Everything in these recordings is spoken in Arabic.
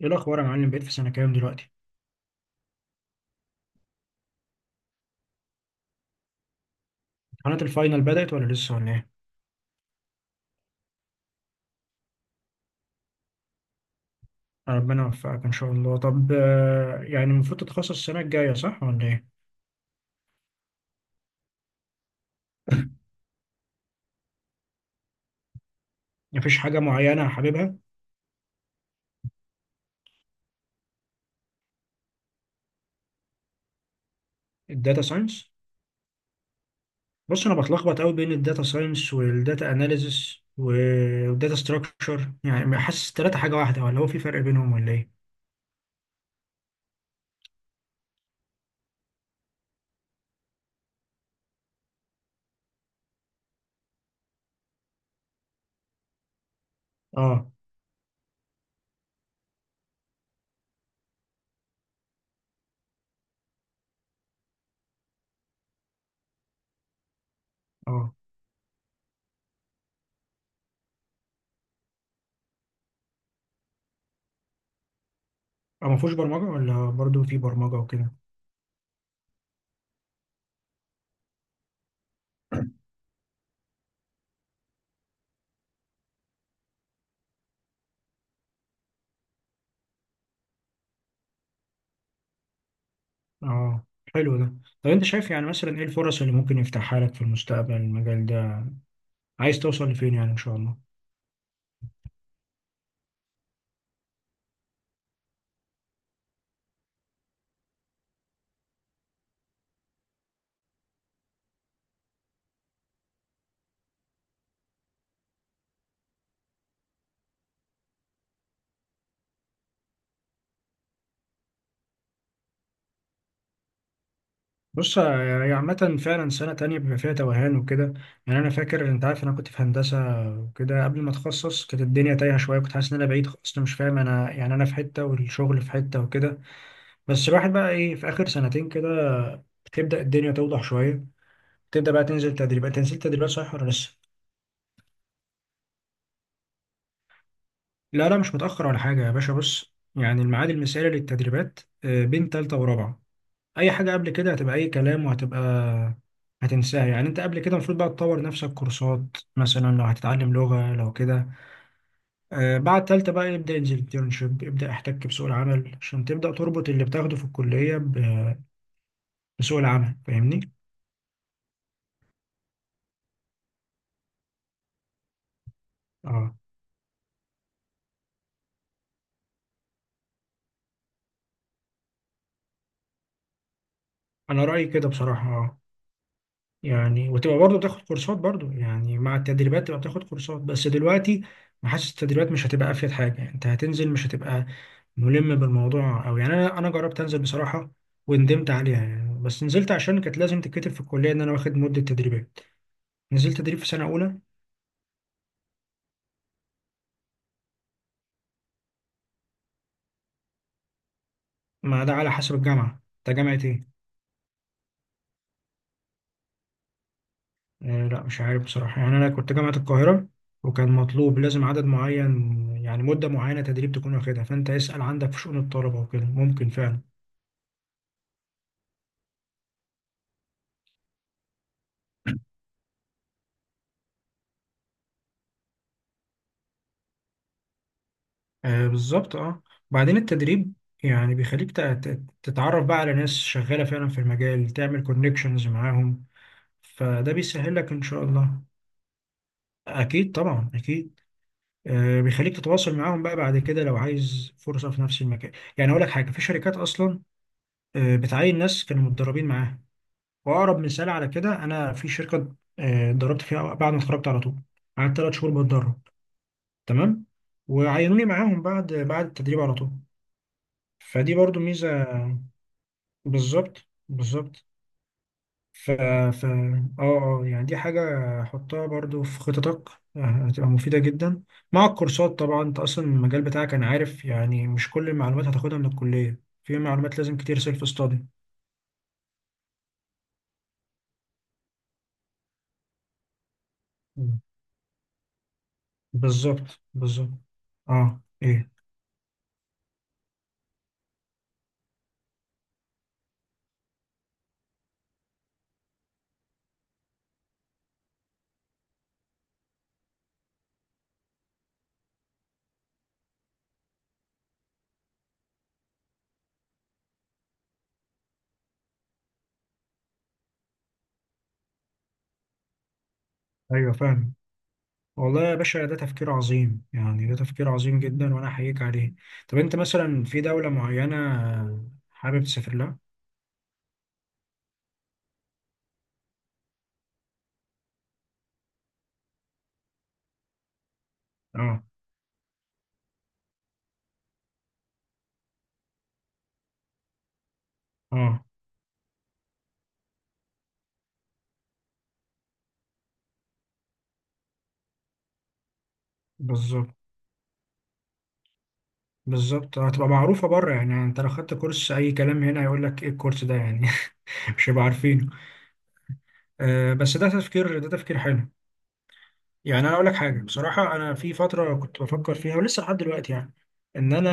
ايه الاخبار يا معلم؟ بقيت في سنه كام دلوقتي؟ امتحانات الفاينل بدات ولا لسه ولا ايه؟ ربنا يوفقك ان شاء الله. طب، يعني المفروض تتخصص السنه الجايه، صح ولا ايه؟ مفيش حاجه معينه حاببها؟ الداتا ساينس؟ بص، انا بتلخبط قوي بين الداتا ساينس والداتا اناليزس والداتا ستراكشر. يعني حاسس التلاته حاجه واحده، ولا هو في فرق بينهم ولا ايه؟ اه. اه. اه. مفهوش برمجه، ولا برضو في برمجه وكده؟ اه، حلو ده. طب انت شايف، يعني مثلا ايه الفرص اللي ممكن يفتحها لك في المستقبل المجال ده؟ عايز توصل لفين يعني ان شاء الله؟ بص، هي عامة فعلا سنة تانية بيبقى فيها توهان وكده. يعني أنا فاكر، أنت عارف، أنا كنت في هندسة وكده قبل ما أتخصص، كانت الدنيا تايهة شوية، كنت حاسس إن أنا بعيد خالص، أنا مش فاهم، أنا يعني أنا في حتة والشغل في حتة وكده. بس الواحد بقى إيه في آخر 2 سنتين كده، تبدأ الدنيا توضح شوية، تبدأ بقى تنزل تدريبات، تنزل تدريبات، صح ولا لسه؟ لا، لا، مش متأخر ولا حاجة يا باشا. بص، يعني الميعاد المثالي للتدريبات بين تالتة ورابعة. اي حاجه قبل كده هتبقى اي كلام، وهتبقى هتنساها. يعني انت قبل كده المفروض بقى تطور نفسك كورسات، مثلا لو هتتعلم لغه لو كده. بعد تالتة بقى يبدا انترنشيب، يبدا احتك بسوق العمل عشان تبدا تربط اللي بتاخده في الكليه بسوق العمل، فاهمني. اه، انا رايي كده بصراحه، اه. يعني وتبقى برضه بتاخد كورسات، برضه يعني مع التدريبات تبقى بتاخد كورسات، بس دلوقتي حاسس التدريبات مش هتبقى افيد حاجه. يعني انت هتنزل مش هتبقى ملم بالموضوع أوي. يعني أنا جربت أنزل بصراحة وندمت عليها، يعني بس نزلت عشان كانت لازم تتكتب في الكلية إن أنا واخد مدة تدريبات، نزلت تدريب في سنة أولى. ما ده على حسب الجامعة، أنت جامعة إيه؟ آه، لا، مش عارف بصراحة. يعني أنا كنت جامعة القاهرة، وكان مطلوب لازم عدد معين، يعني مدة معينة تدريب تكون واخدها. فأنت اسأل عندك في شؤون الطلبة وكده، ممكن فعلا. آه، بالظبط، أه. بعدين التدريب يعني بيخليك تتعرف بقى على ناس شغالة فعلا في المجال، تعمل كونكشنز معاهم، فده بيسهل لك ان شاء الله. اكيد طبعا، اكيد. بيخليك تتواصل معاهم بقى بعد كده لو عايز فرصه في نفس المكان. يعني اقول لك حاجه، في شركات اصلا بتعين ناس كانوا متدربين معاها. واقرب مثال على كده، انا في شركه اتدربت فيها بعد ما اتخرجت على طول، قعدت 3 شهور بتدرب، تمام، وعينوني معاهم بعد التدريب على طول. فدي برضو ميزه. بالظبط، بالظبط. ف ف اه اه يعني دي حاجة حطها برضو في خططك، آه، هتبقى مفيدة جدا مع الكورسات طبعا. انت اصلا المجال بتاعك انا عارف، يعني مش كل المعلومات هتاخدها من الكلية، في معلومات لازم كتير سيلف ستادي. بالظبط، بالظبط. اه، ايه؟ ايوه، فاهم. والله يا باشا ده تفكير عظيم، يعني ده تفكير عظيم جدا، وانا احييك عليه. طب انت مثلا في دولة معينة حابب تسافر لها؟ اه. اه. بالظبط، بالظبط. هتبقى معروفة بره. يعني انت لو خدت كورس أي كلام هنا، هيقول لك ايه الكورس ده يعني. مش هيبقى عارفينه. آه، بس ده تفكير، ده تفكير حلو. يعني أنا أقول لك حاجة بصراحة، أنا في فترة كنت بفكر فيها، ولسه لحد دلوقتي يعني، إن أنا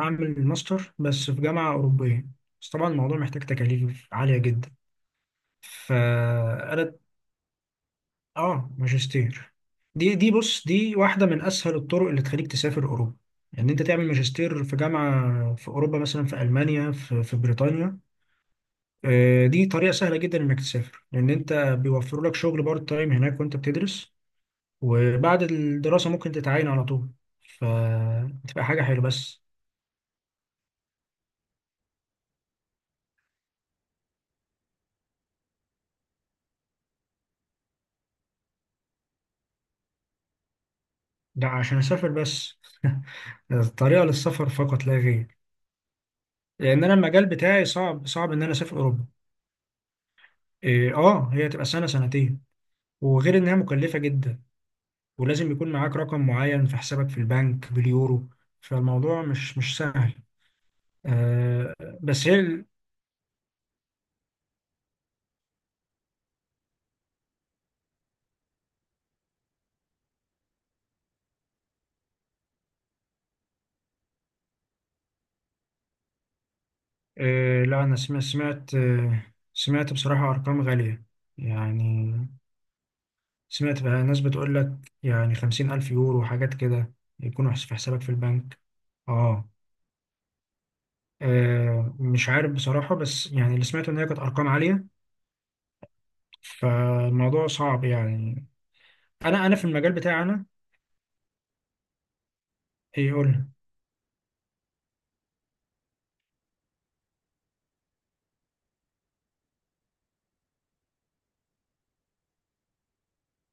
أعمل ماستر، بس في جامعة أوروبية. بس طبعا الموضوع محتاج تكاليف عالية جدا، فأنا. آه، ماجستير. دي بص، دي واحدة من أسهل الطرق اللي تخليك تسافر أوروبا. إن يعني أنت تعمل ماجستير في جامعة في أوروبا، مثلا في ألمانيا، في بريطانيا. دي طريقة سهلة جدا إنك تسافر، لأن أنت بيوفروا لك شغل بارت تايم هناك وأنت بتدرس، وبعد الدراسة ممكن تتعين على طول، فتبقى حاجة حلوة، بس. ده عشان أسافر بس. الطريقة للسفر فقط لا غير. لأن أنا المجال بتاعي صعب صعب إن أنا أسافر أوروبا. إيه، هي تبقى سنة، 2 سنتين، وغير إنها مكلفة جدا، ولازم يكون معاك رقم معين في حسابك في البنك باليورو. فالموضوع مش سهل، آه. بس هي. إيه، لا، أنا سمعت بصراحة أرقام غالية. يعني سمعت بقى ناس بتقول لك، يعني 50,000 يورو وحاجات كده، يكونوا في حسابك في البنك. آه. مش عارف بصراحة، بس يعني اللي سمعته إن هي كانت أرقام عالية، فالموضوع صعب يعني. أنا في المجال بتاعي، أنا يقول.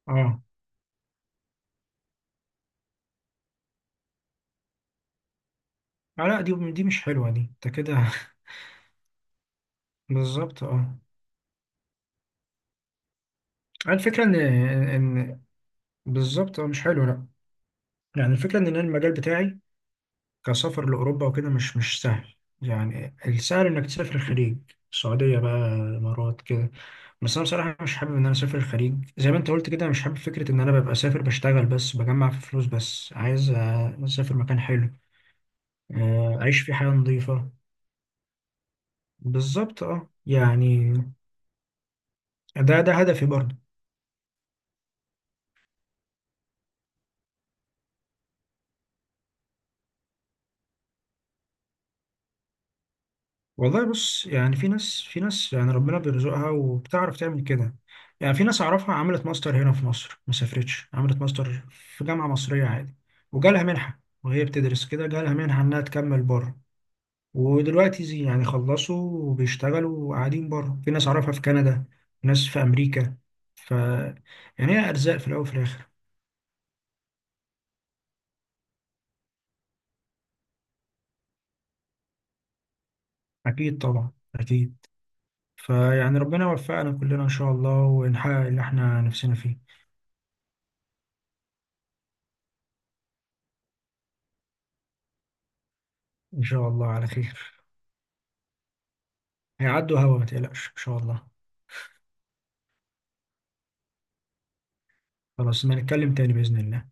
آه. لا، دي مش حلوة، دي أنت كده. بالظبط، آه. الفكرة إن، إن، بالظبط، مش حلوة، لا. يعني الفكرة إن أنا المجال بتاعي كسفر لأوروبا وكده مش سهل. يعني السهل إنك تسافر الخليج، السعودية بقى، الإمارات كده. بس أنا بصراحة مش حابب إن أنا أسافر الخليج، زي ما أنت قلت كده، مش حابب فكرة إن أنا ببقى سافر بشتغل بس، بجمع في فلوس بس، عايز أسافر مكان حلو، أعيش فيه حياة نظيفة. بالظبط، أه يعني، ده هدفي برضه. والله بص، يعني في ناس يعني ربنا بيرزقها وبتعرف تعمل كده. يعني في ناس أعرفها عملت ماستر هنا في مصر، ما سافرتش، عملت ماستر في جامعة مصرية عادي، وجالها منحة، وهي بتدرس كده جالها منحة إنها تكمل بره، ودلوقتي زي يعني خلصوا وبيشتغلوا وقاعدين بره. في ناس أعرفها في كندا، ناس في أمريكا. ف يعني هي أرزاق في الأول وفي الآخر. أكيد طبعا، أكيد. فيعني ربنا يوفقنا كلنا إن شاء الله، ونحقق اللي إحنا نفسنا فيه. إن شاء الله على خير. هيعدوا هوا، ما تقلقش ان شاء الله. خلاص، ما نتكلم تاني باذن الله.